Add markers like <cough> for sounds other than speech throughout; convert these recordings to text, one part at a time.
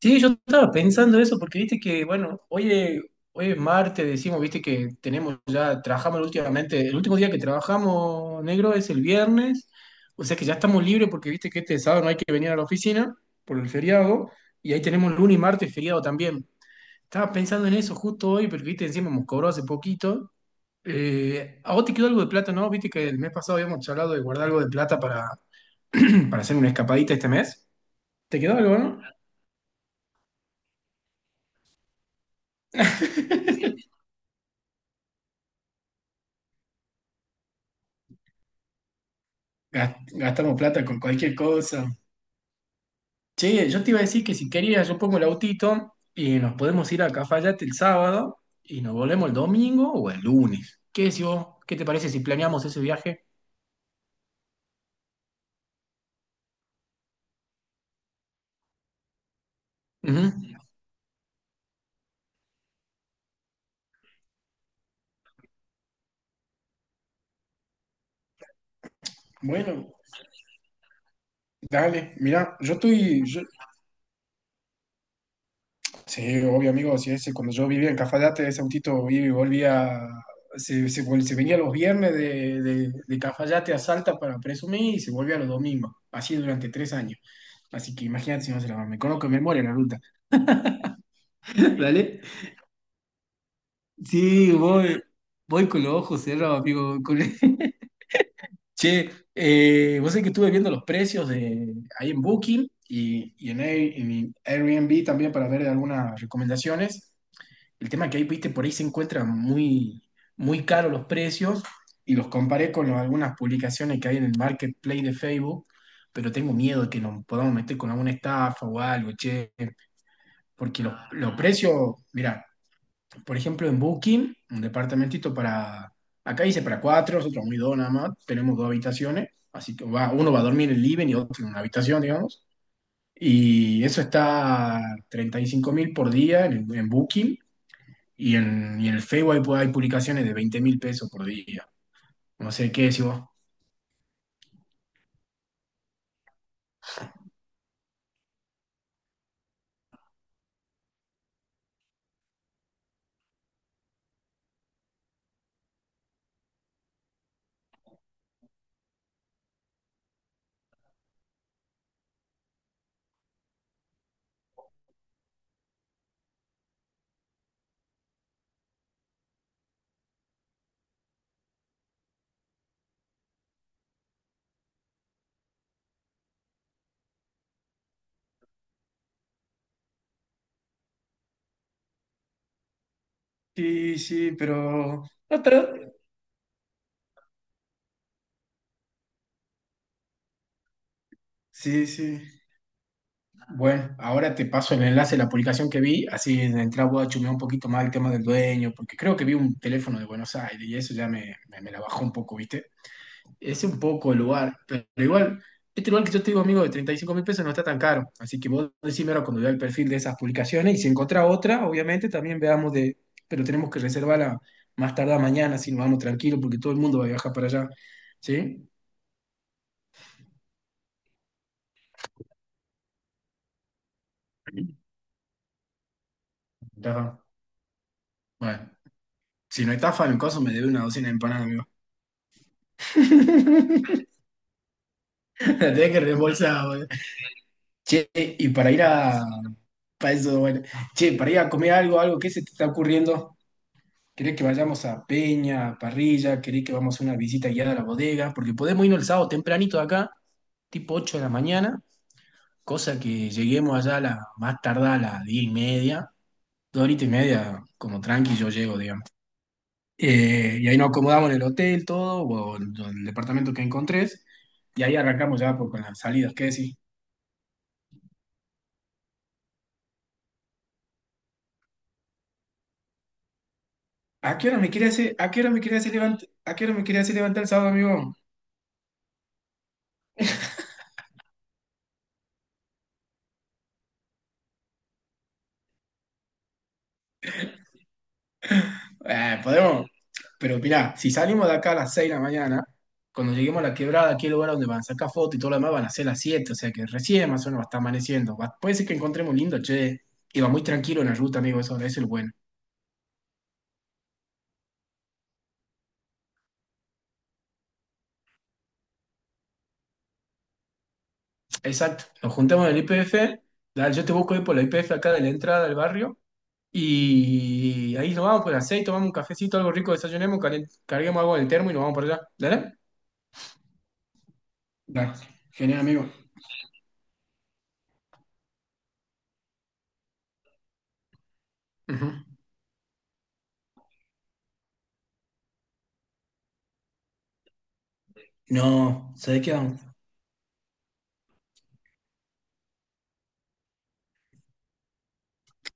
Sí, yo estaba pensando eso porque viste que, bueno, hoy es martes, decimos, viste que tenemos ya, trabajamos últimamente, el último día que trabajamos negro es el viernes, o sea que ya estamos libres porque viste que este sábado no hay que venir a la oficina por el feriado, y ahí tenemos lunes y martes feriado también. Estaba pensando en eso justo hoy, porque viste, encima hemos cobrado hace poquito. ¿A vos te quedó algo de plata, no? Viste que el mes pasado habíamos charlado de guardar algo de plata para, <clears throat> para hacer una escapadita este mes. ¿Te quedó algo, no? <laughs> Gastamos plata con cualquier cosa. Che, yo te iba a decir que si querías, yo pongo el autito y nos podemos ir a Cafayate el sábado y nos volvemos el domingo o el lunes. ¿Qué decís vos? ¿Qué te parece si planeamos ese viaje? Ujú. Bueno, dale, mirá, sí, obvio, amigo. Sí, ese, cuando yo vivía en Cafayate, ese autito iba y volvía. Se venía los viernes de Cafayate a Salta para presumir y se volvía los domingos. Así durante 3 años. Así que imagínate si no se la me conozco de memoria la ruta. <laughs> ¿Dale? Sí, voy con los ojos cerrados, amigo. <laughs> Che, vos sabés que estuve viendo los precios de, ahí en Booking y en Airbnb también para ver algunas recomendaciones. El tema que ahí, viste, por ahí se encuentran muy, muy caros los precios y los comparé con los- algunas publicaciones que hay en el marketplace de Facebook, pero tengo miedo de que nos podamos meter con alguna estafa o algo, che, porque los precios, mira, por ejemplo, en Booking, un departamentito para, acá dice para cuatro, nosotros muy dos nada más, tenemos dos habitaciones, así que va, uno va a dormir en el living y otro en una habitación, digamos, y eso está 35.000 por día en Booking y en el Facebook hay, hay publicaciones de 20.000 pesos por día. No sé qué decís vos. Sí, sí, pero... Otra... Sí, sí. Bueno, ahora te paso el enlace de la publicación que vi, así de entrada voy a chumear un poquito más el tema del dueño, porque creo que vi un teléfono de Buenos Aires y eso ya me la bajó un poco, ¿viste? Es un poco el lugar, pero igual, este lugar que yo te digo, amigo, de 35.000 pesos no está tan caro. Así que vos decime ahora cuando vea el perfil de esas publicaciones y si encontrá otra, obviamente también veamos de, pero tenemos que reservarla más tardar mañana si nos vamos tranquilos porque todo el mundo va a viajar para allá. ¿Sí? Ajá. Bueno, si no estafa en caso me debe una docena de empanadas, amigo. <laughs> La tenés que reembolsar, boludo. Che, y para ir a... Para eso, bueno. Che, para ir a comer algo, algo, ¿qué se te está ocurriendo? ¿Querés que vayamos a Peña, a Parrilla? ¿Querés que vamos a una visita guiada a la bodega? Porque podemos irnos el sábado tempranito de acá, tipo 8 de la mañana, cosa que lleguemos allá a la, más tardar a las 10 y media, dos horitas y media, como tranqui yo llego, digamos. Y ahí nos acomodamos en el hotel, todo, o en el departamento que encontrés, y ahí arrancamos ya por, con las salidas, ¿qué decís? ¿A qué hora me quería hacer, a qué hora me quería hacer levantar, a qué hora me quería hacer levantar el sábado, amigo? Podemos. Pero mirá, si salimos de acá a las 6 de la mañana, cuando lleguemos a la quebrada, aquí el lugar donde van a sacar fotos y todo lo demás, van a ser las siete, o sea que recién más o menos va a estar amaneciendo. Puede ser que encontremos lindo, che. Y va muy tranquilo en la ruta, amigo, eso es lo bueno. Exacto, nos juntamos en el IPF, dale, yo te busco ahí por la IPF acá de la entrada del barrio, y ahí nos vamos por las seis, tomamos un cafecito, algo rico, desayunemos, carguemos algo en el termo y nos vamos por allá. ¿Dale? Dale. Genial, amigo. Ujú. No, ¿sabés qué?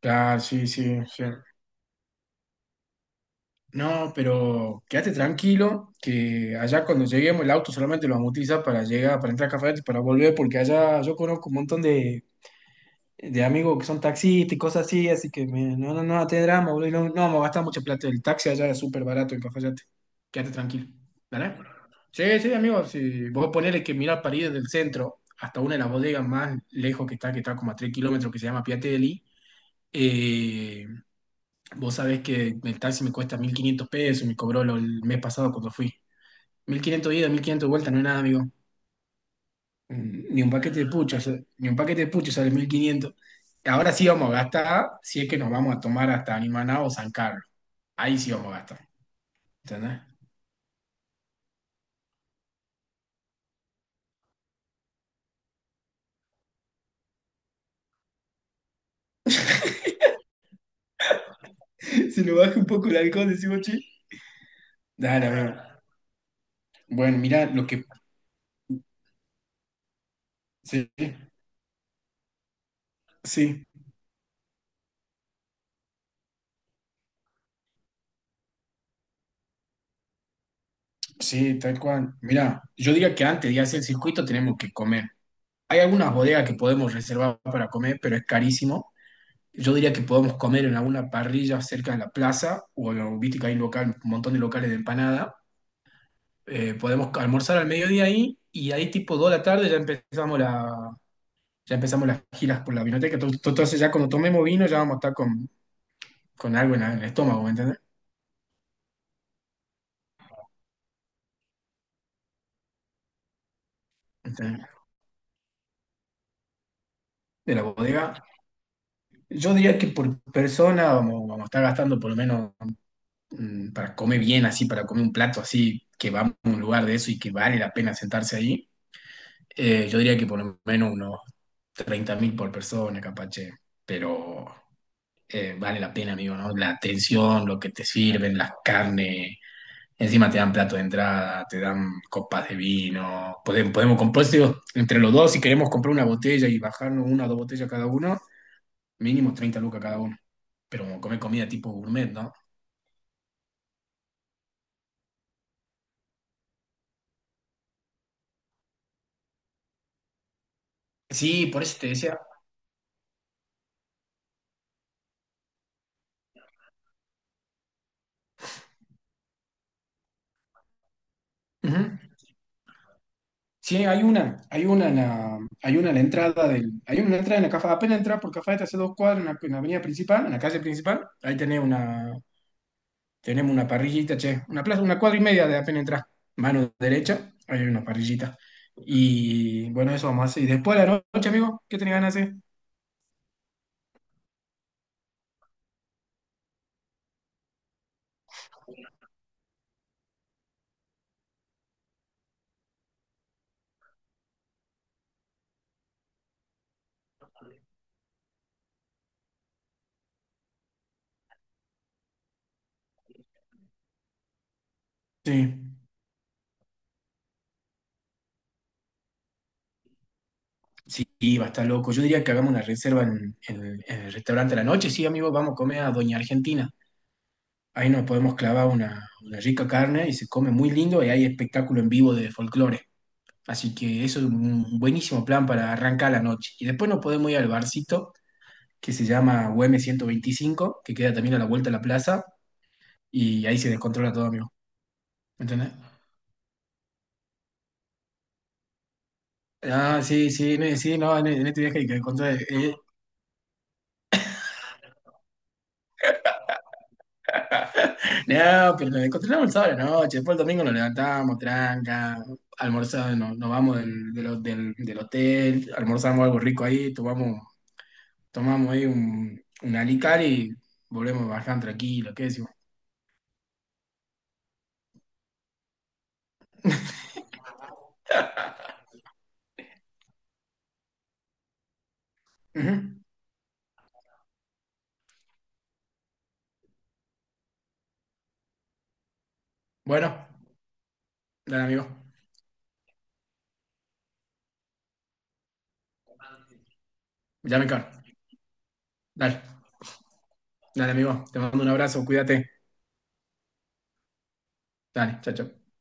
Claro, sí, sí, sí. No, pero quédate tranquilo, que allá cuando lleguemos el auto solamente lo vamos a utilizar para llegar, para entrar a Cafayate y para volver, porque allá yo conozco un montón de amigos que son taxistas y cosas así, así que no, no, no, te drama, boludo, y no, no vamos a gastar mucho plata. El taxi allá es súper barato en Cafayate. Quédate tranquilo, ¿vale? Sí, sí, amigo, sí. Vos ponele que mirar para ir desde el centro hasta una de las bodegas más lejos que está como a 3 kilómetros, que se llama Piatelli. eh, Vos sabés que el taxi me cuesta 1.500 pesos, me cobró el mes pasado cuando fui. 1.500 ida, 1.500 vuelta, no es nada, amigo. Ni un paquete de pucho ni un paquete de pucho sale 1.500. Ahora sí vamos a gastar, si es que nos vamos a tomar hasta Animaná o San Carlos. Ahí sí vamos a gastar, ¿entendés? <laughs> Si nos baja un poco el alcohol, decimos, che. Dale, amigo. Bueno, mirá, lo que... Sí, sí, sí, tal cual. Mirá, yo diría que antes de hacer el circuito tenemos que comer. Hay algunas bodegas que podemos reservar para comer, pero es carísimo. Yo diría que podemos comer en alguna parrilla cerca de la plaza, o no, viste que hay un local, un montón de locales de empanada. Podemos almorzar al mediodía ahí y ahí tipo 2 de la tarde ya empezamos la, ya empezamos las giras por la vinoteca. Entonces ya cuando tomemos vino ya vamos a estar con algo en, en el estómago, ¿me entendés? Entonces, de la bodega. Yo diría que por persona vamos a estar gastando por lo menos para comer bien así, para comer un plato así, que vamos a un lugar de eso y que vale la pena sentarse ahí. Yo diría que por lo menos unos 30.000 por persona, capache, pero vale la pena, amigo, ¿no? La atención, lo que te sirven, las carnes, encima te dan plato de entrada, te dan copas de vino, podemos, podemos comprar, digo, entre los dos, si queremos comprar una botella y bajarnos una o dos botellas cada uno, mínimo 30 lucas cada uno, pero como comer comida tipo gourmet, ¿no? Sí, por eso te decía. Ujú. Sí, hay una en la, hay una en la entrada del, hay una entrada en la Cafá, apenas entras por Cafá, te hace dos cuadras en la avenida principal, en la calle principal, ahí tenés una, tenemos una parrillita, che, una plaza, una cuadra y media de apenas entrar. Mano derecha, ahí hay una parrillita. Y bueno, eso vamos a hacer. Y después de la noche, amigo, ¿qué tenés ganas de hacer? Sí, sí, sí, va a estar loco. Yo diría que hagamos una reserva en, en el restaurante a la noche, sí, amigo, vamos a comer a Doña Argentina. Ahí nos podemos clavar una rica carne y se come muy lindo y hay espectáculo en vivo de folclore. Así que eso es un buenísimo plan para arrancar la noche. Y después nos podemos ir al barcito que se llama UM 125, que queda también a la vuelta de la plaza y ahí se descontrola todo, amigo. ¿Me ¿Entendés? Ah, sí, sí, no, sí, no, en este viaje hay que descontrolar. No, pero nos descontrolamos el sábado a la noche, después el domingo nos levantamos, tranca, almorzamos, nos, nos vamos del, del, del hotel, almorzamos algo rico ahí, tomamos ahí un alicar y volvemos bastante tranquilo, ¿qué decimos? Ujú. Bueno, dale amigo, ya me encargo. Dale, dale amigo, te mando un abrazo, cuídate. Dale, chao, chao.